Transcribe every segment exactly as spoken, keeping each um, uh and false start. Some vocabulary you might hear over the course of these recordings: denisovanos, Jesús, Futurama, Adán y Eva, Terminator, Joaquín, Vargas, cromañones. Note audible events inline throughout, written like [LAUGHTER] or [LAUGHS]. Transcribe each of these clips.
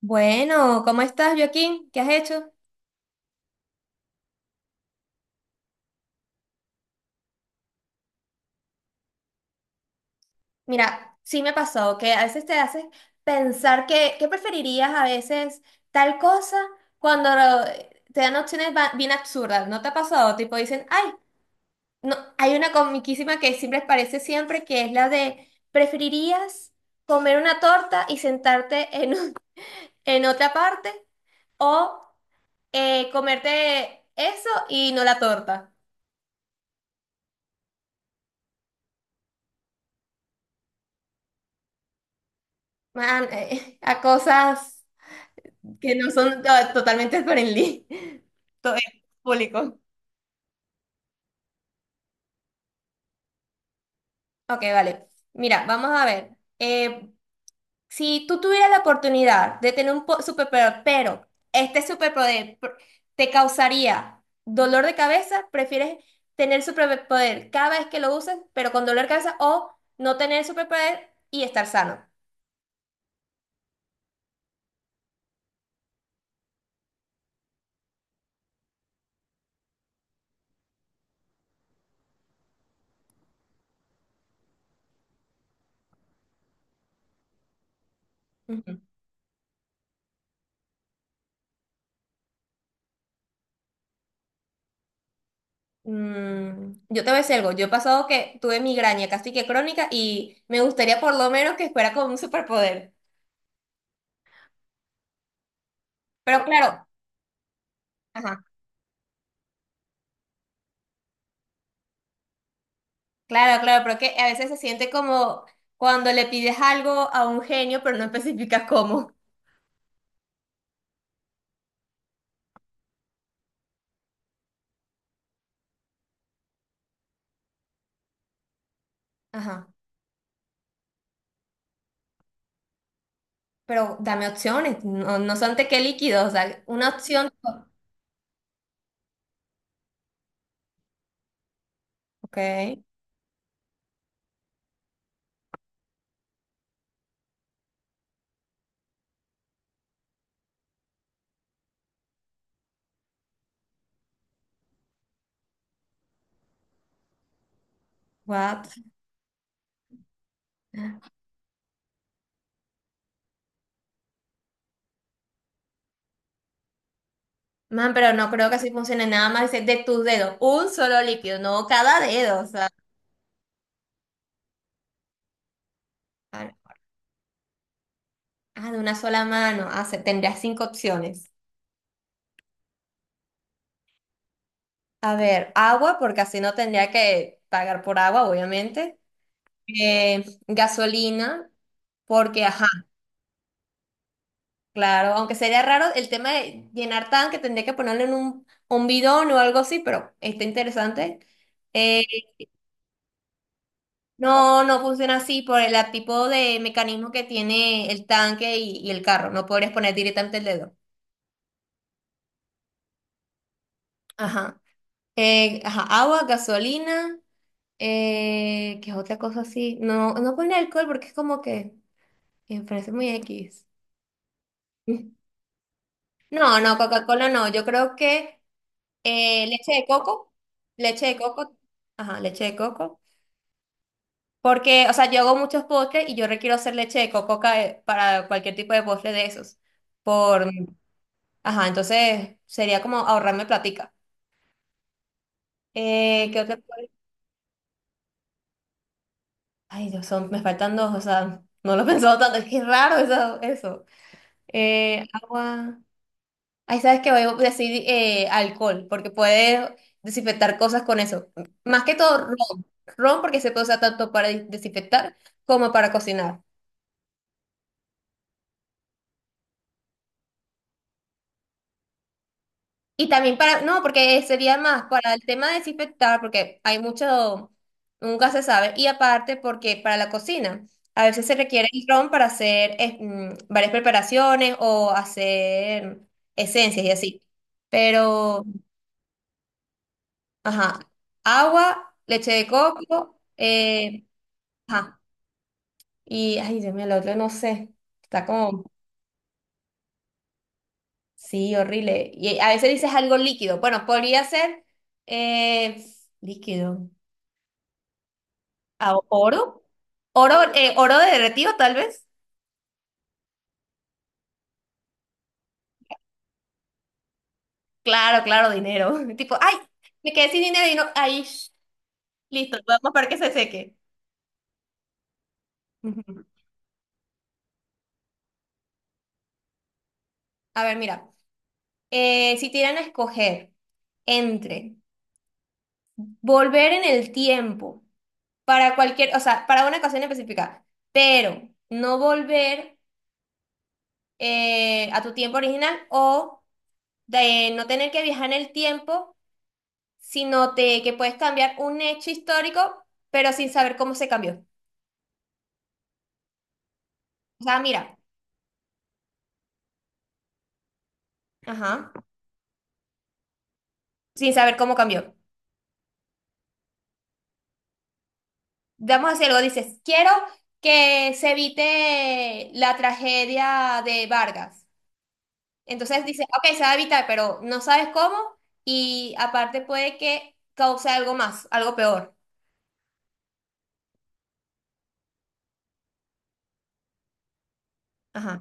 Bueno, ¿cómo estás, Joaquín? ¿Qué has hecho? Mira, sí me ha pasado que a veces te haces pensar que, ¿qué preferirías a veces tal cosa cuando lo- te dan opciones ba- bien absurdas? ¿No te ha pasado? Tipo dicen, ay, no, hay una comiquísima que siempre aparece siempre que es la de ¿preferirías comer una torta y sentarte en, un- [LAUGHS] en otra parte o eh, comerte eso y no la torta? Man, eh, a cosas que no son to- totalmente friendly, [LAUGHS] todo es público. Ok, vale. Mira, vamos a ver. Eh, si tú tuvieras la oportunidad de tener un po- superpoder, pero este superpoder pr- te causaría dolor de cabeza, ¿prefieres tener superpoder cada vez que lo uses, pero con dolor de cabeza, o no tener superpoder y estar sano? Ujú. Mm, yo te voy a decir algo, yo he pasado que tuve migraña casi que crónica y me gustaría por lo menos que fuera con un superpoder. Pero claro, ajá, claro, claro, pero que a veces se siente como cuando le pides algo a un genio, pero no especificas cómo. Ajá, pero dame opciones, no, no son tequé líquido, o sea, una opción. Ok, what? Man, pero no creo que así funcione, nada más dice, de tus dedos, un solo líquido, no cada dedo, o sea, ah, ah, de una sola mano, ah, se- tendría cinco opciones. A ver, agua, porque así no tendría que pagar por agua, obviamente. Eh, gasolina. Porque, ajá, claro, aunque sería raro el tema de llenar tanque, tendría que ponerlo en un, un bidón o algo así, pero está interesante. Eh, no, no funciona así por el tipo de mecanismo que tiene el tanque y, y el carro. No podrías poner directamente el dedo. Ajá. Eh, ajá, agua, gasolina, eh, ¿qué es otra cosa así? No, no pone alcohol porque es como que me parece muy X. [LAUGHS] No, no, Coca-Cola no. Yo creo que eh, leche de coco, leche de coco, ajá, leche de coco. Porque, o sea, yo hago muchos postres y yo requiero hacer leche de coco ca- eh, para cualquier tipo de postre de esos. Por, ajá, entonces sería como ahorrarme platica. Eh, ¿qué otra cosa? Ay, Dios, son, me faltan dos, o sea, no lo he [LAUGHS] pensado tanto, es que es raro eso, eso. Eh, agua. Ahí sabes que voy a decir eh, alcohol, porque puedes desinfectar cosas con eso. Más que todo ron. Ron porque se puede usar tanto para dis- desinfectar como para cocinar. Y también para, no, porque sería más para el tema de desinfectar, porque hay mucho, nunca se sabe. Y aparte porque para la cocina, a veces se requiere el ron para hacer eh, mm, varias preparaciones o hacer esencias y así. Pero, ajá, agua, leche de coco, eh, ajá. Y, ay, Dios mío, el otro no sé. Está como, sí, horrible. Y a veces dices algo líquido. Bueno, podría ser eh, líquido. Ah, oro. Oro, eh, oro derretido, tal vez. Claro, claro, dinero. [LAUGHS] Tipo, ay, me quedé sin dinero y no. Ay, sh- listo, vamos para que se seque. Ujú. A ver, mira. Eh, si te dieran a escoger entre volver en el tiempo para cualquier, o sea, para una ocasión específica, pero no volver eh, a tu tiempo original o de no tener que viajar en el tiempo, sino te, que puedes cambiar un hecho histórico, pero sin saber cómo se cambió. O sea, mira, ajá, sin saber cómo cambió. Vamos a hacer algo, dices, quiero que se evite la tragedia de Vargas. Entonces dices, ok, se va a evitar, pero no sabes cómo y aparte puede que cause algo más, algo peor. Ajá.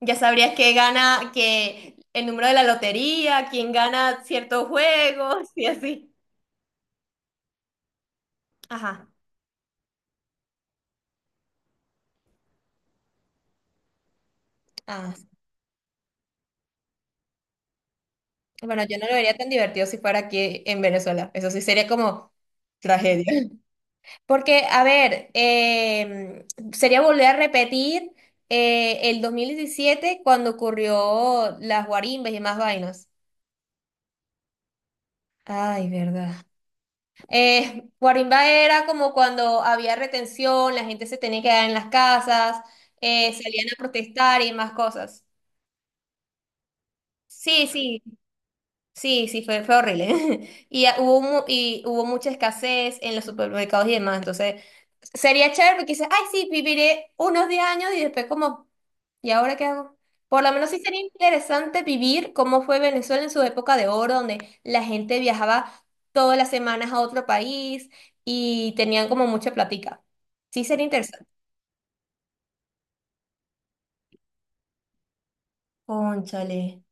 Ya sabrías que gana, que el número de la lotería, quién gana ciertos juegos y así. Ajá. Ah, bueno, yo no lo vería tan divertido si fuera aquí en Venezuela. Eso sí sería como tragedia. [LAUGHS] Porque, a ver, eh, sería volver a repetir eh, el dos mil diecisiete cuando ocurrió las guarimbas y más vainas. Ay, verdad. Eh, Guarimba era como cuando había retención, la gente se tenía que quedar en las casas, eh, salían a protestar y más cosas. Sí, sí, sí, sí, fue, fue horrible. [LAUGHS] Y ah, hubo, mu- y hubo mucha escasez en los supermercados y demás. Entonces, sería chévere porque dices, ay, sí, viviré unos diez años y después como, ¿y ahora qué hago? Por lo menos sí sería interesante vivir cómo fue Venezuela en su época de oro, donde la gente viajaba todas las semanas a otro país y tenían como mucha plática. Sí, sería interesante. Cónchale.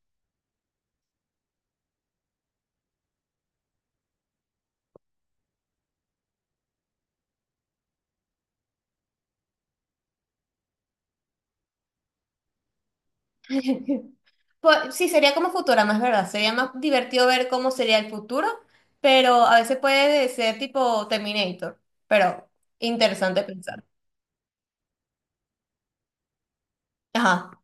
[LAUGHS] Pues, sí, sería como Futurama, es verdad. Sería más divertido ver cómo sería el futuro, pero a veces puede ser tipo Terminator. Pero interesante pensar. Ajá.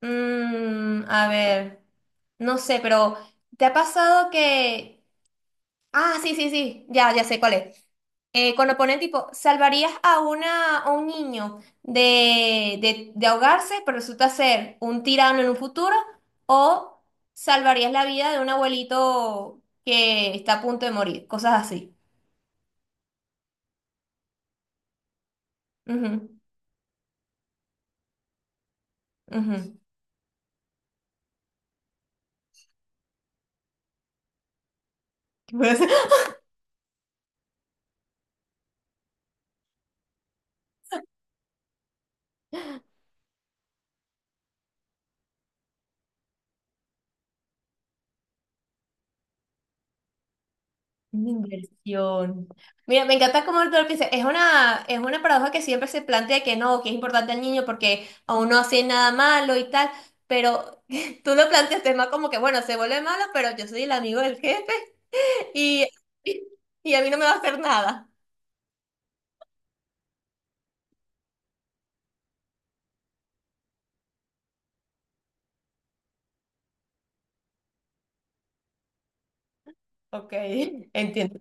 Mm, a ver. No sé, pero ¿te ha pasado que... Ah, sí, sí, sí. Ya, ya sé cuál es. Eh, cuando ponen tipo, salvarías a una, a un niño de, de, de ahogarse, pero resulta ser un tirano en un futuro, o salvarías la vida de un abuelito que está a punto de morir, cosas así. Ujú, ujú. [LAUGHS] Una inversión. Mira, me encanta cómo tú lo piensas. Es una, es una paradoja que siempre se plantea que no, que es importante al niño porque aún no hace nada malo y tal, pero [LAUGHS] tú lo planteas más como que, bueno, se vuelve malo, pero yo soy el amigo del jefe y, y a mí no me va a hacer nada. Ok, [LAUGHS] entiendo.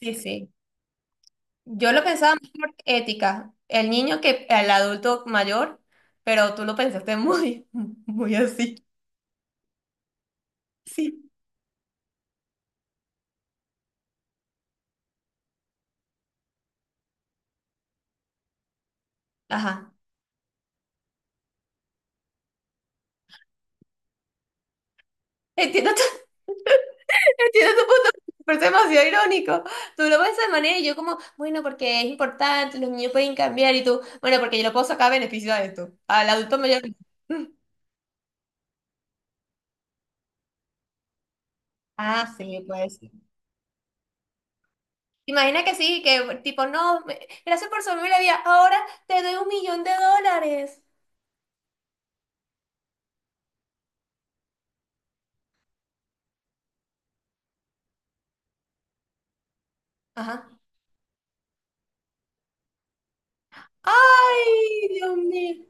Sí, sí. Yo lo pensaba más por ética, el niño que el adulto mayor, pero tú lo pensaste [LAUGHS] muy, muy así. Sí. Ajá. Entiendo tu, [LAUGHS] entiendo tu punto, pero es demasiado irónico. Tú lo ves de manera y yo como, bueno, porque es importante, los niños pueden cambiar y tú, bueno, porque yo lo puedo sacar beneficio de esto. Al adulto mayor. [LAUGHS] Ah, sí, pues. Imagina que sí, que tipo, no, me- gracias por salvarme la vida, ahora te doy un millón de dólares. Ajá. Ay, Dios mío.